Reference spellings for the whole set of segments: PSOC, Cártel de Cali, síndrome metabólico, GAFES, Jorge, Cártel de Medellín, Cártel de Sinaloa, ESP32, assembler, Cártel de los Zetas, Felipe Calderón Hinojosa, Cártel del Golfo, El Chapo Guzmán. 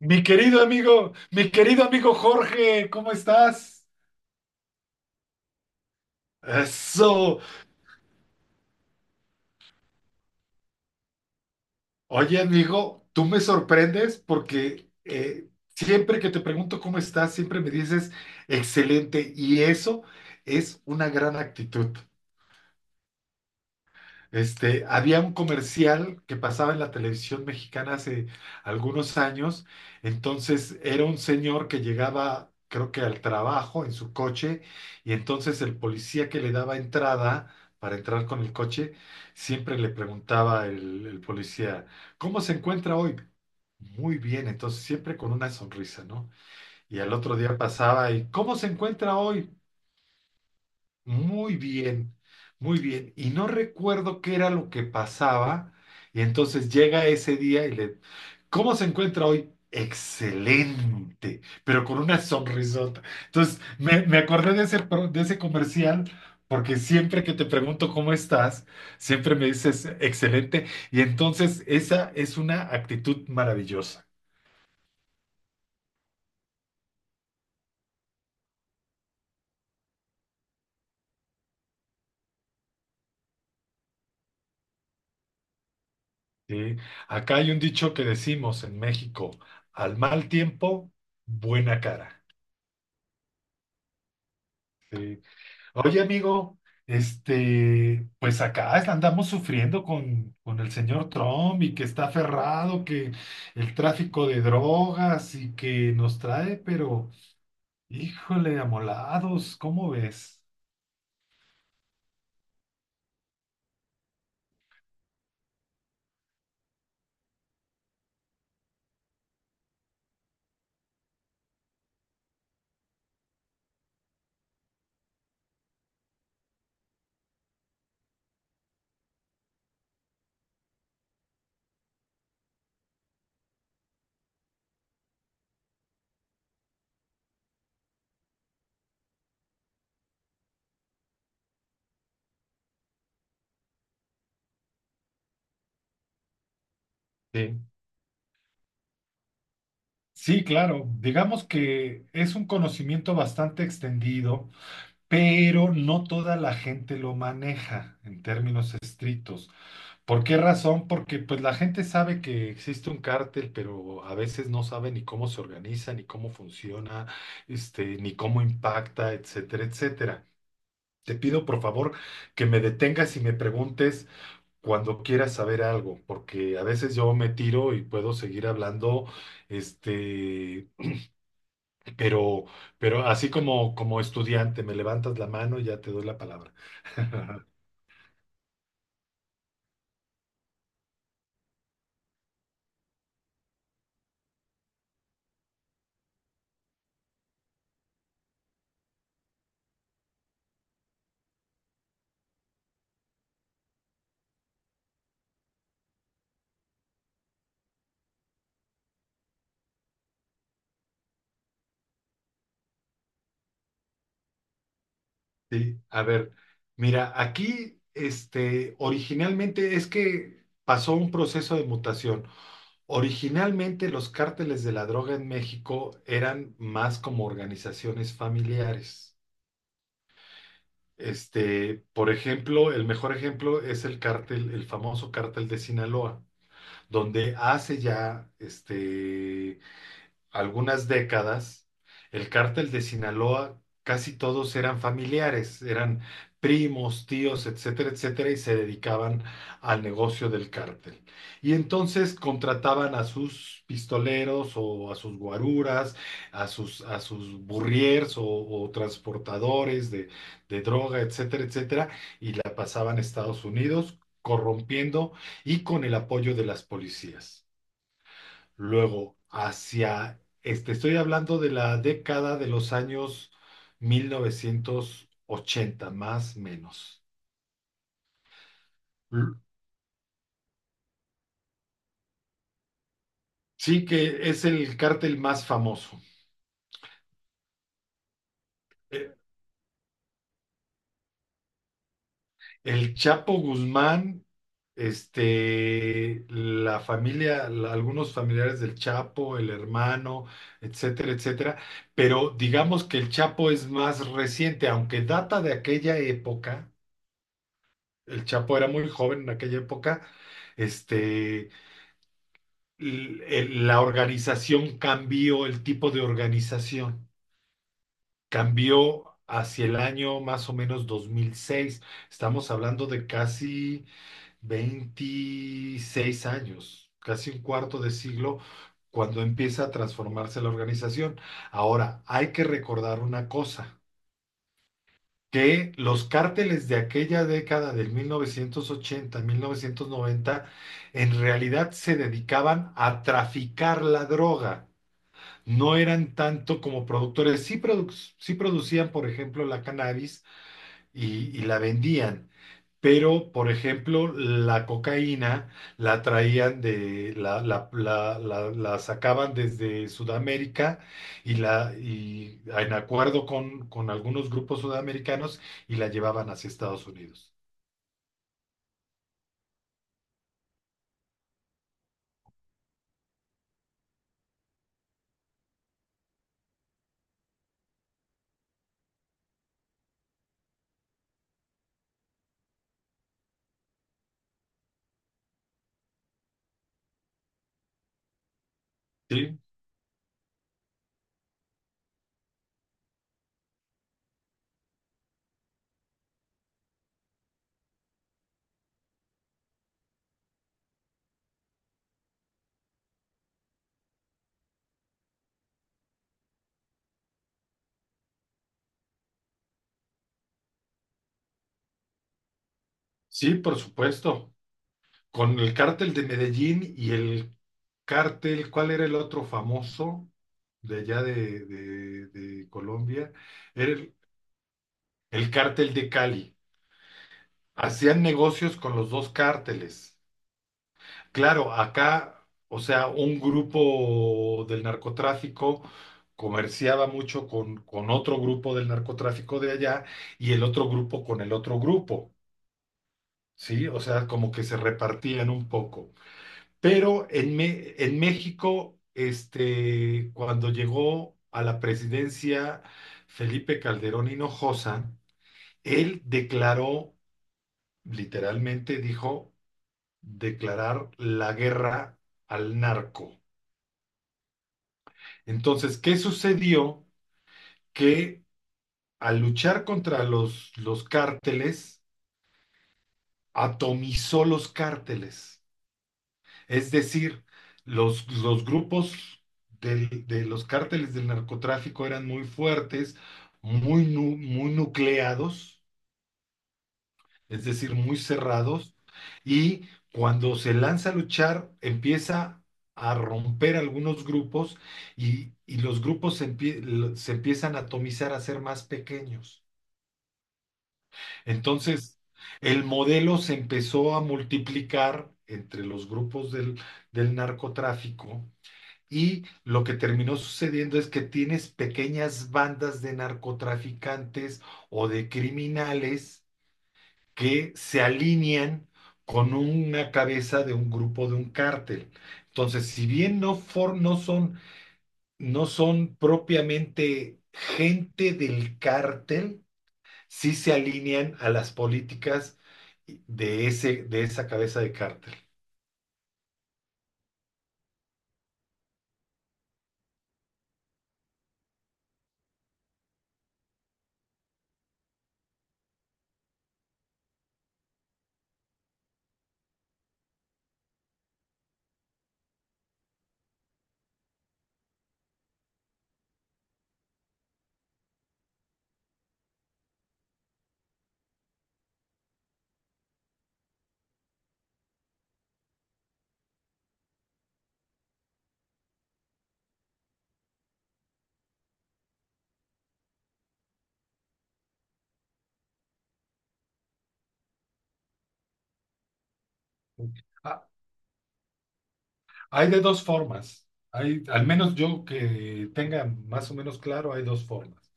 Mi querido amigo Jorge, ¿cómo estás? Eso. Oye, amigo, tú me sorprendes porque siempre que te pregunto cómo estás, siempre me dices excelente y eso es una gran actitud. Había un comercial que pasaba en la televisión mexicana hace algunos años. Entonces era un señor que llegaba, creo que al trabajo en su coche, y entonces el policía que le daba entrada para entrar con el coche, siempre le preguntaba el policía, ¿cómo se encuentra hoy? Muy bien. Entonces siempre con una sonrisa, ¿no? Y al otro día pasaba y, ¿cómo se encuentra hoy? Muy bien, muy bien. Y no recuerdo qué era lo que pasaba. Y entonces llega ese día y le... ¿Cómo se encuentra hoy? Excelente, pero con una sonrisota. Entonces, me acordé de ese comercial, porque siempre que te pregunto cómo estás, siempre me dices excelente. Y entonces esa es una actitud maravillosa. ¿Sí? Acá hay un dicho que decimos en México: al mal tiempo, buena cara. ¿Sí? Oye, amigo, pues acá andamos sufriendo con el señor Trump, y que está aferrado, que el tráfico de drogas y que nos trae, pero híjole, amolados, ¿cómo ves? Sí, sí, claro, digamos que es un conocimiento bastante extendido, pero no toda la gente lo maneja en términos estrictos. ¿Por qué razón? Porque pues la gente sabe que existe un cártel, pero a veces no sabe ni cómo se organiza, ni cómo funciona, ni cómo impacta, etcétera, etcétera. Te pido por favor que me detengas y me preguntes cuando quieras saber algo, porque a veces yo me tiro y puedo seguir hablando, este, pero, así como estudiante, me levantas la mano y ya te doy la palabra. Sí, a ver, mira, aquí originalmente es que pasó un proceso de mutación. Originalmente los cárteles de la droga en México eran más como organizaciones familiares. Por ejemplo, el mejor ejemplo es el cártel, el famoso cártel de Sinaloa, donde hace ya algunas décadas, el cártel de Sinaloa, casi todos eran familiares, eran primos, tíos, etcétera, etcétera, y se dedicaban al negocio del cártel. Y entonces contrataban a sus pistoleros o a sus guaruras, a sus burriers o transportadores de droga, etcétera, etcétera, y la pasaban a Estados Unidos corrompiendo y con el apoyo de las policías. Luego, estoy hablando de la década de los años 1980, más menos. L- Sí, que es el cártel más famoso. Eh, El Chapo Guzmán, la familia, algunos familiares del Chapo, el hermano, etcétera, etcétera. Pero digamos que el Chapo es más reciente, aunque data de aquella época. El Chapo era muy joven en aquella época. Este, la organización cambió, el tipo de organización cambió hacia el año más o menos 2006. Estamos hablando de casi 26 años, casi un cuarto de siglo, cuando empieza a transformarse la organización. Ahora, hay que recordar una cosa, que los cárteles de aquella década del 1980, 1990, en realidad se dedicaban a traficar la droga. No eran tanto como productores, sí, sí producían, por ejemplo, la cannabis, y la vendían, pero, por ejemplo, la cocaína la traían de, la sacaban desde Sudamérica, y en acuerdo con algunos grupos sudamericanos, y la llevaban hacia Estados Unidos. Sí, sí, por supuesto. Con el cártel de Medellín y el cártel, ¿cuál era el otro famoso de allá, de, de Colombia? Era el cártel de Cali. Hacían negocios con los dos cárteles. Claro, acá, o sea, un grupo del narcotráfico comerciaba mucho con otro grupo del narcotráfico de allá, y el otro grupo con el otro grupo, ¿sí? O sea, como que se repartían un poco. Pero en, en México, cuando llegó a la presidencia Felipe Calderón Hinojosa, él declaró, literalmente dijo, declarar la guerra al narco. Entonces, ¿qué sucedió? Que al luchar contra los cárteles, atomizó los cárteles. Es decir, los grupos de los cárteles del narcotráfico eran muy fuertes, muy nucleados, es decir, muy cerrados, y cuando se lanza a luchar, empieza a romper algunos grupos, y los grupos se empiezan a atomizar, a ser más pequeños. Entonces, el modelo se empezó a multiplicar entre los grupos del narcotráfico, y lo que terminó sucediendo es que tienes pequeñas bandas de narcotraficantes o de criminales que se alinean con una cabeza de un grupo de un cártel. Entonces, si bien no son propiamente gente del cártel, sí se alinean a las políticas de esa cabeza de cártel. Ah, hay de dos formas. Hay, al menos yo que tenga más o menos claro, hay dos formas.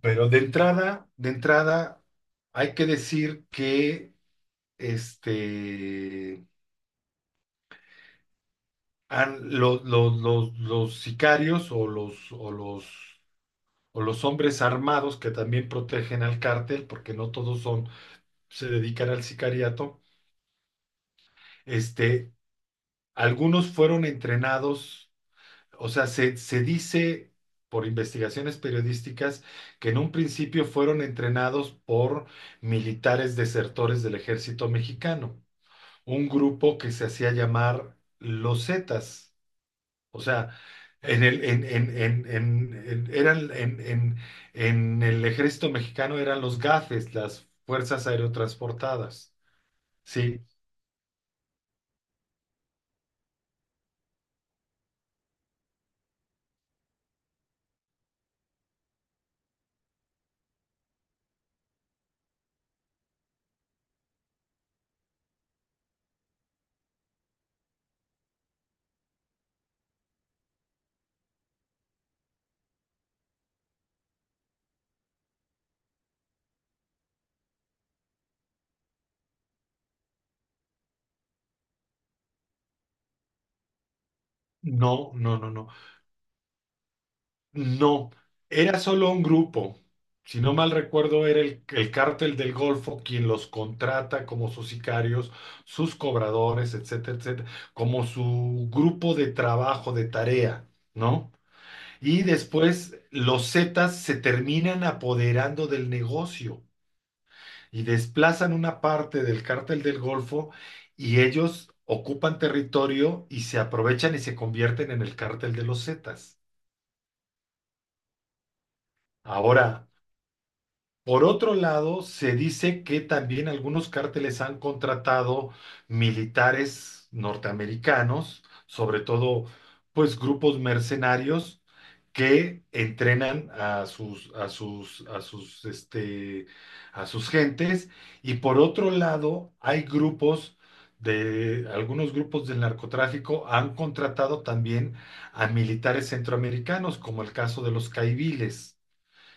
Pero de entrada, hay que decir que este, los sicarios o los hombres armados que también protegen al cártel, porque no todos son, se dedican al sicariato, este, algunos fueron entrenados, o sea, se dice por investigaciones periodísticas que en un principio fueron entrenados por militares desertores del ejército mexicano, un grupo que se hacía llamar los Zetas. O sea, en el, en- en el ejército mexicano eran los GAFES, las Fuerzas Aerotransportadas. Sí, no, no, no, no. No, era solo un grupo. Si no mal recuerdo, era el cártel del Golfo quien los contrata como sus sicarios, sus cobradores, etcétera, etcétera, como su grupo de trabajo, de tarea, ¿no? Y después los Zetas se terminan apoderando del negocio, y desplazan una parte del cártel del Golfo, y ellos ocupan territorio y se aprovechan y se convierten en el cártel de los Zetas. Ahora, por otro lado, se dice que también algunos cárteles han contratado militares norteamericanos, sobre todo pues grupos mercenarios que entrenan a sus a sus a sus a sus gentes, y por otro lado hay grupos, de algunos grupos del narcotráfico han contratado también a militares centroamericanos, como el caso de los caiviles,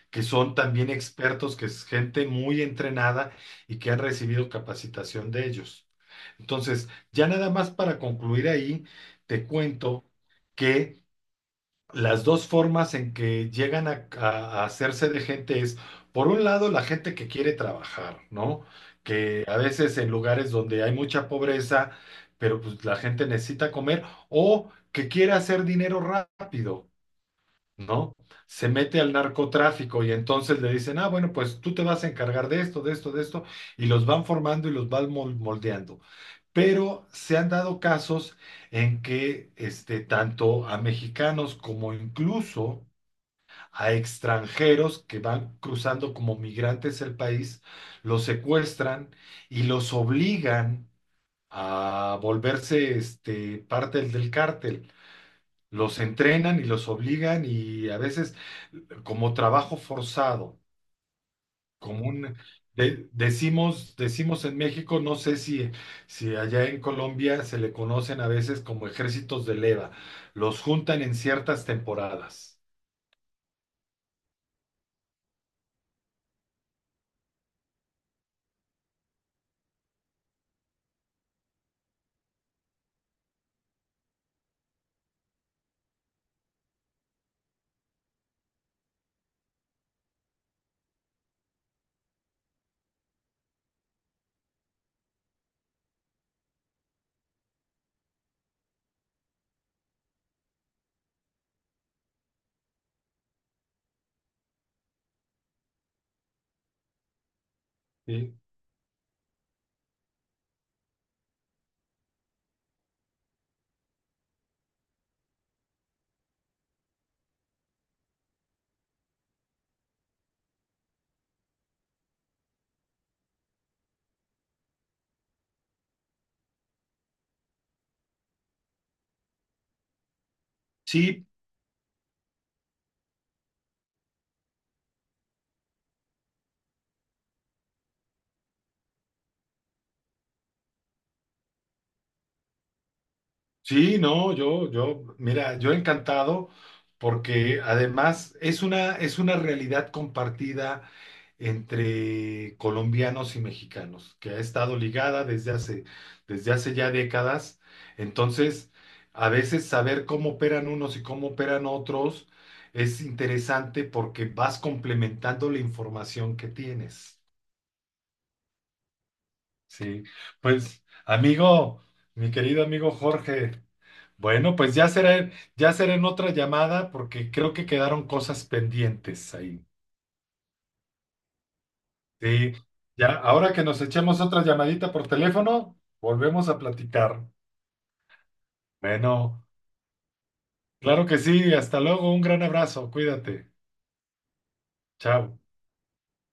que son también expertos, que es gente muy entrenada y que han recibido capacitación de ellos. Entonces, ya nada más para concluir ahí, te cuento que las dos formas en que llegan a hacerse de gente es, por un lado, la gente que quiere trabajar, ¿no? Que a veces en lugares donde hay mucha pobreza, pero pues la gente necesita comer o que quiere hacer dinero rápido, ¿no? Se mete al narcotráfico, y entonces le dicen: ah, bueno, pues tú te vas a encargar de esto, de esto, de esto, y los van formando y los van moldeando. Pero se han dado casos en que tanto a mexicanos como incluso a extranjeros que van cruzando como migrantes el país, los secuestran y los obligan a volverse parte del cártel. Los entrenan y los obligan, y a veces como trabajo forzado, como un, decimos en México, no sé si, si allá en Colombia se le conocen a veces como ejércitos de leva, los juntan en ciertas temporadas. ¿Sí? Sí, sí, no, mira, yo encantado, porque además es una realidad compartida entre colombianos y mexicanos, que ha estado ligada desde hace, ya décadas. Entonces, a veces saber cómo operan unos y cómo operan otros es interesante, porque vas complementando la información que tienes. Sí, pues, amigo, mi querido amigo Jorge. Bueno, pues ya será, en otra llamada, porque creo que quedaron cosas pendientes ahí. Sí, ya, ahora que nos echemos otra llamadita por teléfono, volvemos a platicar. Bueno, claro que sí, hasta luego, un gran abrazo, cuídate, chao.